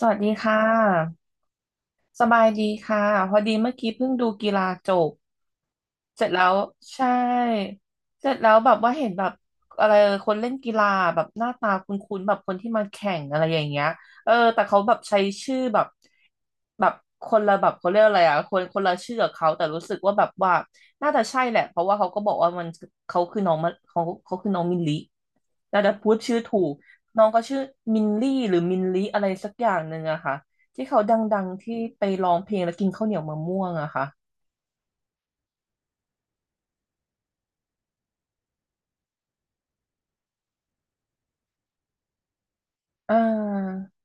สวัสดีค่ะ สบายดีค่ะ พอดีเมื่อกี้เพิ่งดูกีฬาจบ เสร็จแล้วใช่เสร็จแล้วแบบว่าเห็นแบบอะไรคนเล่นกีฬาแบบหน้าตาคุ้นๆแบบคนที่มาแข่งอะไรอย่างเงี้ยเออแต่เขาแบบใช้ชื่อแบบแบบคนละแบบเขาเรียกอะไรอ่ะคนคนละชื่อกับเขาแต่รู้สึกว่าแบบว่าน่าจะใช่แหละเพราะว่าเขาก็บอกว่ามันเขาคือน้องมะเขาเขาคือน้องมิลลิน่าจะพูดชื่อถูกน้องก็ชื่อมินลี่หรือมินลิอะไรสักอย่างหนึ่งอะค่ะที่เขาดังๆที่ไปร้องเพลงแล้วกินข้าวเหนียวมะม่วงอะค่ะอ่า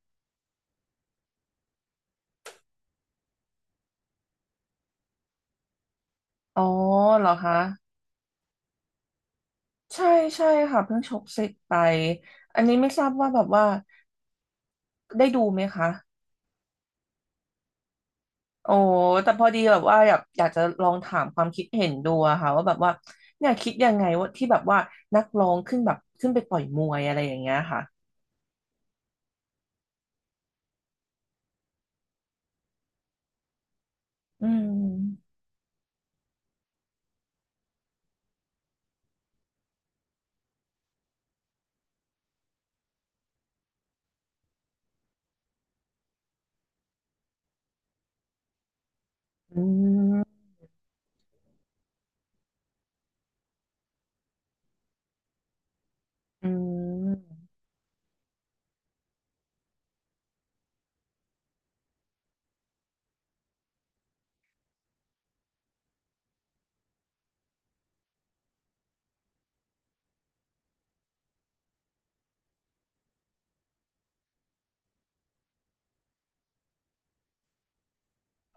อ๋อเหรอคะใช่ใช่ค่ะเพิ่งชกเสร็จไปอันนี้ไม่ทราบว่าแบบว่าได้ดูไหมคะโอ้แต่พอดีแบบว่าอยากจะลองถามความคิดเห็นดูอะค่ะว่าแบบว่าเนี่ยคิดยังไงว่าที่แบบว่านักร้องขึ้นแบบขึ้นไปต่อยมวยอะไรอย่างเงี้ยค่ะอืมอืมอืม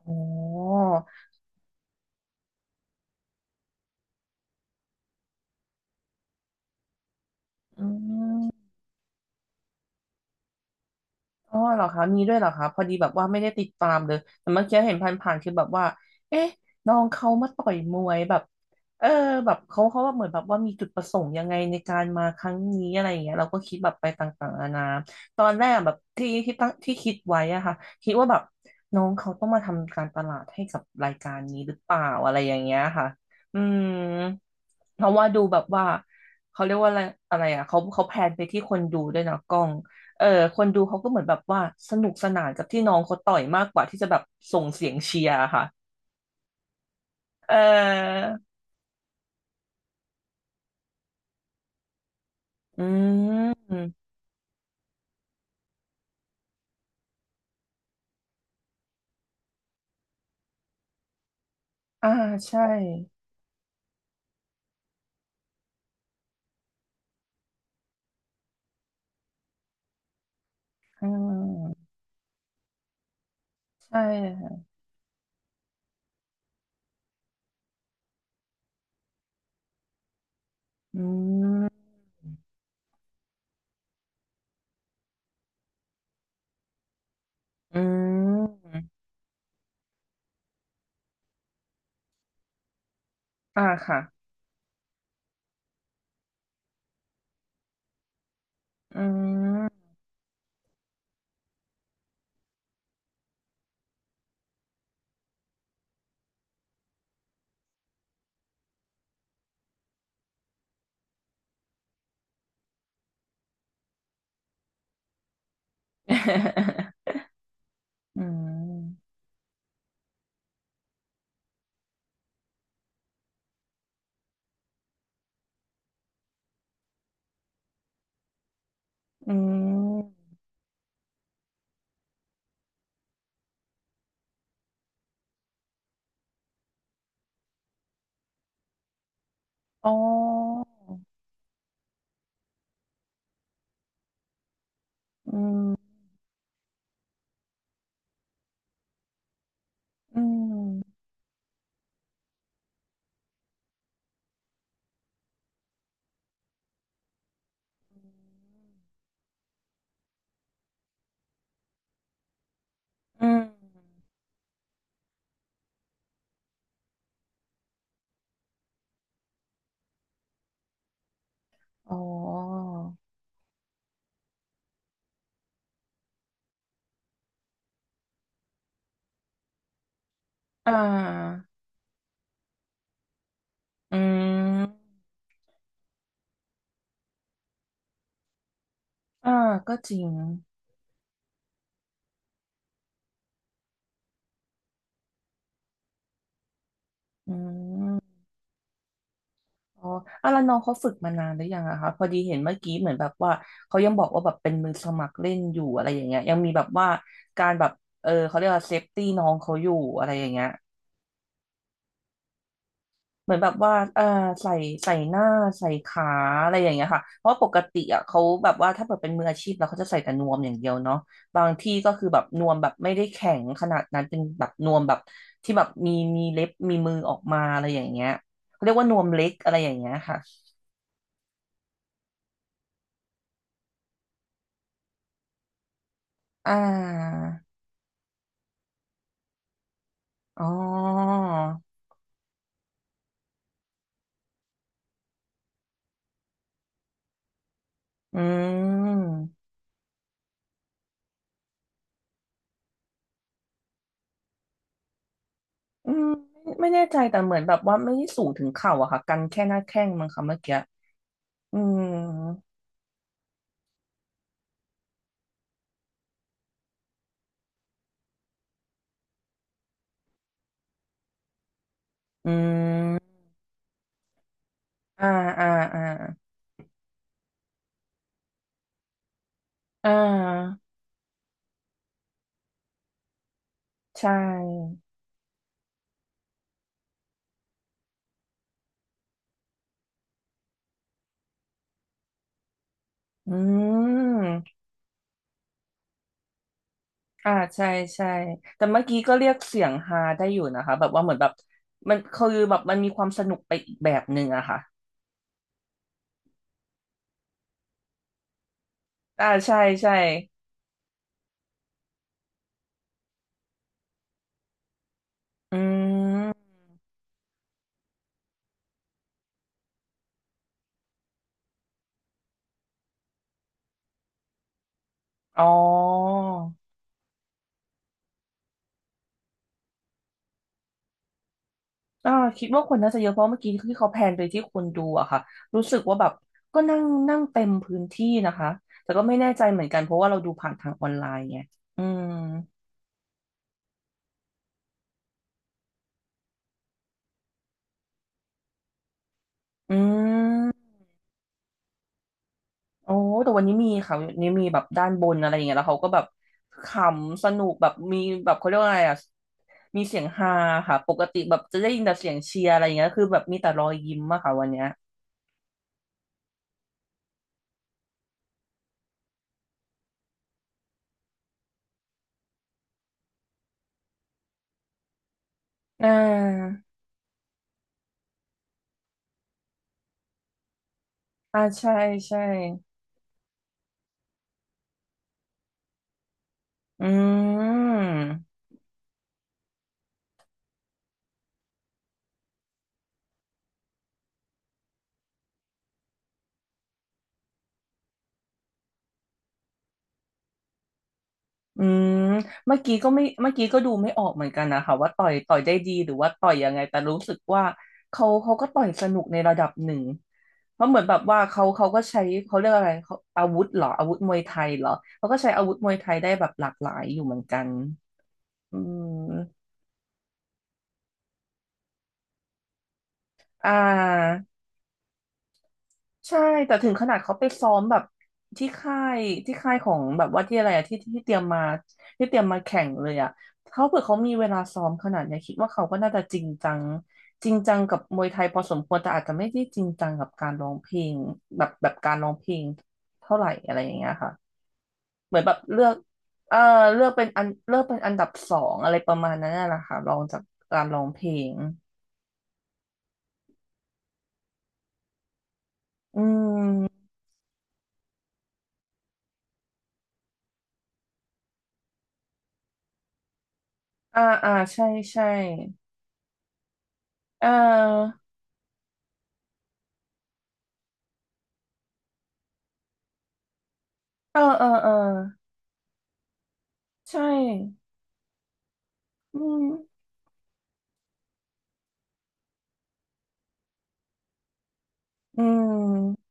อ๋ออืม อ๋อเหรอคะมีด้วยเหรอคะพอดีแบบว่าไม่ได้ติดตามเลยแต่เมื่อกี้เห็นผ่านๆคือแบบว่าเอ๊ะน้องเขามาต่อยมวยแบบเออแบบเขาเขาว่าเหมือนแบบว่ามีจุดประสงค์ยังไงในการมาครั้งนี้อะไรอย่างเงี้ยเราก็คิดแบบไปต่างๆนานาตอนแรกแบบที่ตั้งที่คิดไว้อะค่ะคิดว่าแบบน้องเขาต้องมาทำการตลาดให้กับรายการนี้หรือเปล่าอะไรอย่างเงี้ยค่ะอืมเพราะว่าดูแบบว่าเขาเรียกว่าอะไรอะไรอ่ะเขาเขาแพลนไปที่คนดูด้วยนะกล้อง เออคนดูเขาก็เหมือนแบบว่าสนุกสนานกับที่น้องเขาต่อยมากกว่าที่จะแบบส่งเสียงเชียร์ค่ะเอออืมอ่าใช่อืมใช่ค่ะอืมอืมอ่าค่ะอืม อืมอืมอ๋ออืมอืมอ๋ออ่าอืมอ่าก็จริง อ๋ออ่ะแล้วน้องเขาฝึกมานานหรือยังอะคะพอดีเห็นเมื่อกี้เหมือนแบบว่าเขายังบอกว่าแบบเป็นมือสมัครเล่นอยู่อะไรอย่างเงี้ยยังมีแบบว่าการแบบเออเขาเรียกว่าเซฟตี้น้องเขาอยู่อะไรอย่างเงี้ยเหมือนแบบว่าเออใส่ใส่หน้าใส่ขาอะไรอย่างเงี้ยค่ะเพราะปกติอะเขาแบบว่าถ้าเกิดเป็นมืออาชีพแล้วเขาจะใส่แต่นวมอย่างเดียวเนาะบางที่ก็คือแบบนวมแบบไม่ได้แข็งขนาดนั้นเป็นแบบนวมแบบที่แบบมีมีเล็บมือออกมาอะไรอย่างเงี้ยเขาเรียกว่านวมเล็กอะไรอย่างเงี้ยค่ะอ่า อ๋ออืมอืมไม่แน่ใจแต่เหมือนแบบว่าไม่ได้สูงถึงเข่าอะค่ะกันแค่หน้าแข้งมั้งค่ะเมื่อกี้อืมอืมอ่าอ่าอ่าอ่าใช่อืมอ่าใช่ใช่แต่เมื่อกี้ก็เรียกเสียงฮาได้อยู่นะคะแบบว่าเหมือนแบบมันคือแบบมันมีความสนุกไปอีกแบบหนึ่งอะค่ะอ่าใช่ใช่อืมอ๋อ อ่าคิดว่าคนน่าจะเยอะเพราะเมื่อกี้ที่เขาแพนไปที่คนดูอะค่ะรู้สึกว่าแบบก็นั่งนั่งเต็มพื้นที่นะคะแต่ก็ไม่แน่ใจเหมือนกันเพราะว่าเราดูผ่านทางออนไลน์ไงอืมอืมโอ้แต่วันนี้มีค่ะวันนี้มีแบบด้านบนอะไรอย่างเงี้ยแล้วเขาก็แบบขำสนุกแบบมีแบบเขาเรียกว่าอะไรอะมีเสียงฮาค่ะปกติแบบจะได้ยินแต่เสียงเชียร์อะไรอย่างเงี้ยคือแบบมีแต่รอยยิ้มอะค่ะวันเนี้ยอ่าอ่าใช่ใช่อืม อืมเมื่อกี้ก็ดูไม่ออกเหมือนกันนะคะว่าต่อยได้ดีหรือว่าต่อยยังไงแต่รู้สึกว่าเขาเขาก็ต่อยสนุกในระดับหนึ่งเพราะเหมือนแบบว่าเขาเขาก็ใช้เขาเรียกอะไรเขาอาวุธเหรออาวุธมวยไทยเหรอเขาก็ใช้อาวุธมวยไทยได้แบบหลากหลายอยู่เหมือนกันอืมอ่า ใช่แต่ถึงขนาดเขาไปซ้อมแบบที่ค่ายที่ค่ายของแบบว่าที่อะไรอะที่ที่เตรียมมาแข่งเลยอะเขาเผื่อเขามีเวลาซ้อมขนาดเนี้ยคิดว่าเขาก็น่าจะจริงจังจริงจังกับมวยไทยพอสมควรแต่อาจจะไม่ได้จริงจังกับการร้องเพลงแบบการร้องเพลงเท่าไหร่อะไรอย่างเงี้ยค่ะเหมือนแบบเลือกเออเลือกเป็นอันดับสองอะไรประมาณนั้นน่ะแหละค่ะรองจากการร้องเพลงอืมอ่าอ่าใช่ใช่เออ เออเออเออใช่อืมอืม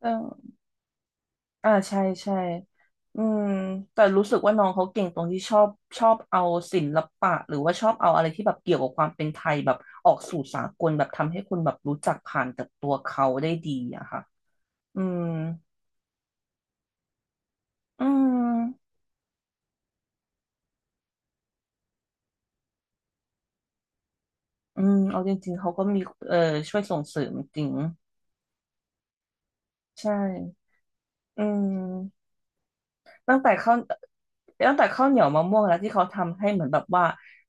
เอออ่าใช่ใช่อืมแต่รู้สึกว่าน้องเขาเก่งตรงที่ชอบชอบเอาศิลปะหรือว่าชอบเอาอะไรที่แบบเกี่ยวกับความเป็นไทยแบบออกสู่สากลแบบทำให้คนแบบรู้จักผ่านจากตัวเขาได้ดีอะค่ะอืมอืมอืมเอาจริงๆเขาก็มีเออช่วยส่งเสริมจริงใช่อืม ตั้งแต่ข้าวตั้งแต่ข้าวเหนียวมะม่วงแล้วที่เขาทำให้เหมือนแบบว่า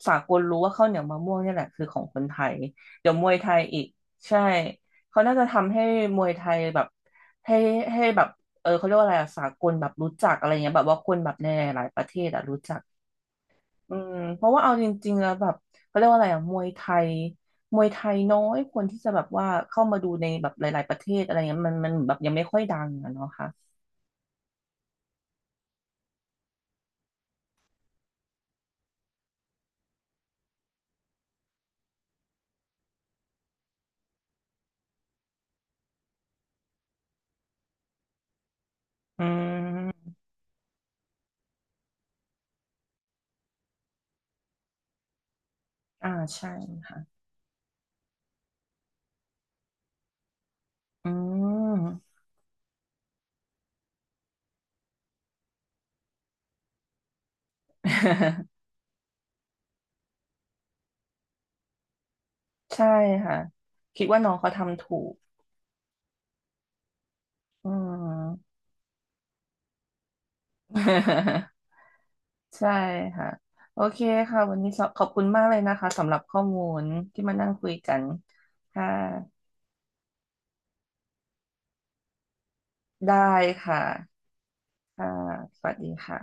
สากลรู้ว่าข้าวเหนียวมะม่วงเนี่ยแหละคือของคนไทยเดี๋ยวมวยไทยอีกใช่เขาน่าจะทำให้มวยไทยแบบให้ให้แบบเออเขาเรียกว่าอะไรอะสากลแบบรู้จักอะไรเงี้ยแบบว่าคนแบบในหลายๆประเทศอะรู้จักอืมเพราะว่าเอาจริงๆแล้วแบบเขาเรียกว่าอะไรอะมวยไทยมวยไทยน้อยคนที่จะแบบว่าเข้ามาดูในแบบหลายๆประเทศอะไรเงี้ยมันมันแบบยังไม่ค่อยดังอะเนาะค่ะอืมอ่าใช่ค่ะ อืม ใช่ค่ะคิดว่าน้องเขาทำถูกอืม ใช่ค่ะโอเคค่ะวันนี้ขอขอบคุณมากเลยนะคะสำหรับข้อมูลที่มานั่งคุยกันค่ะได้ค่ะค่ะสวัสดีค่ะ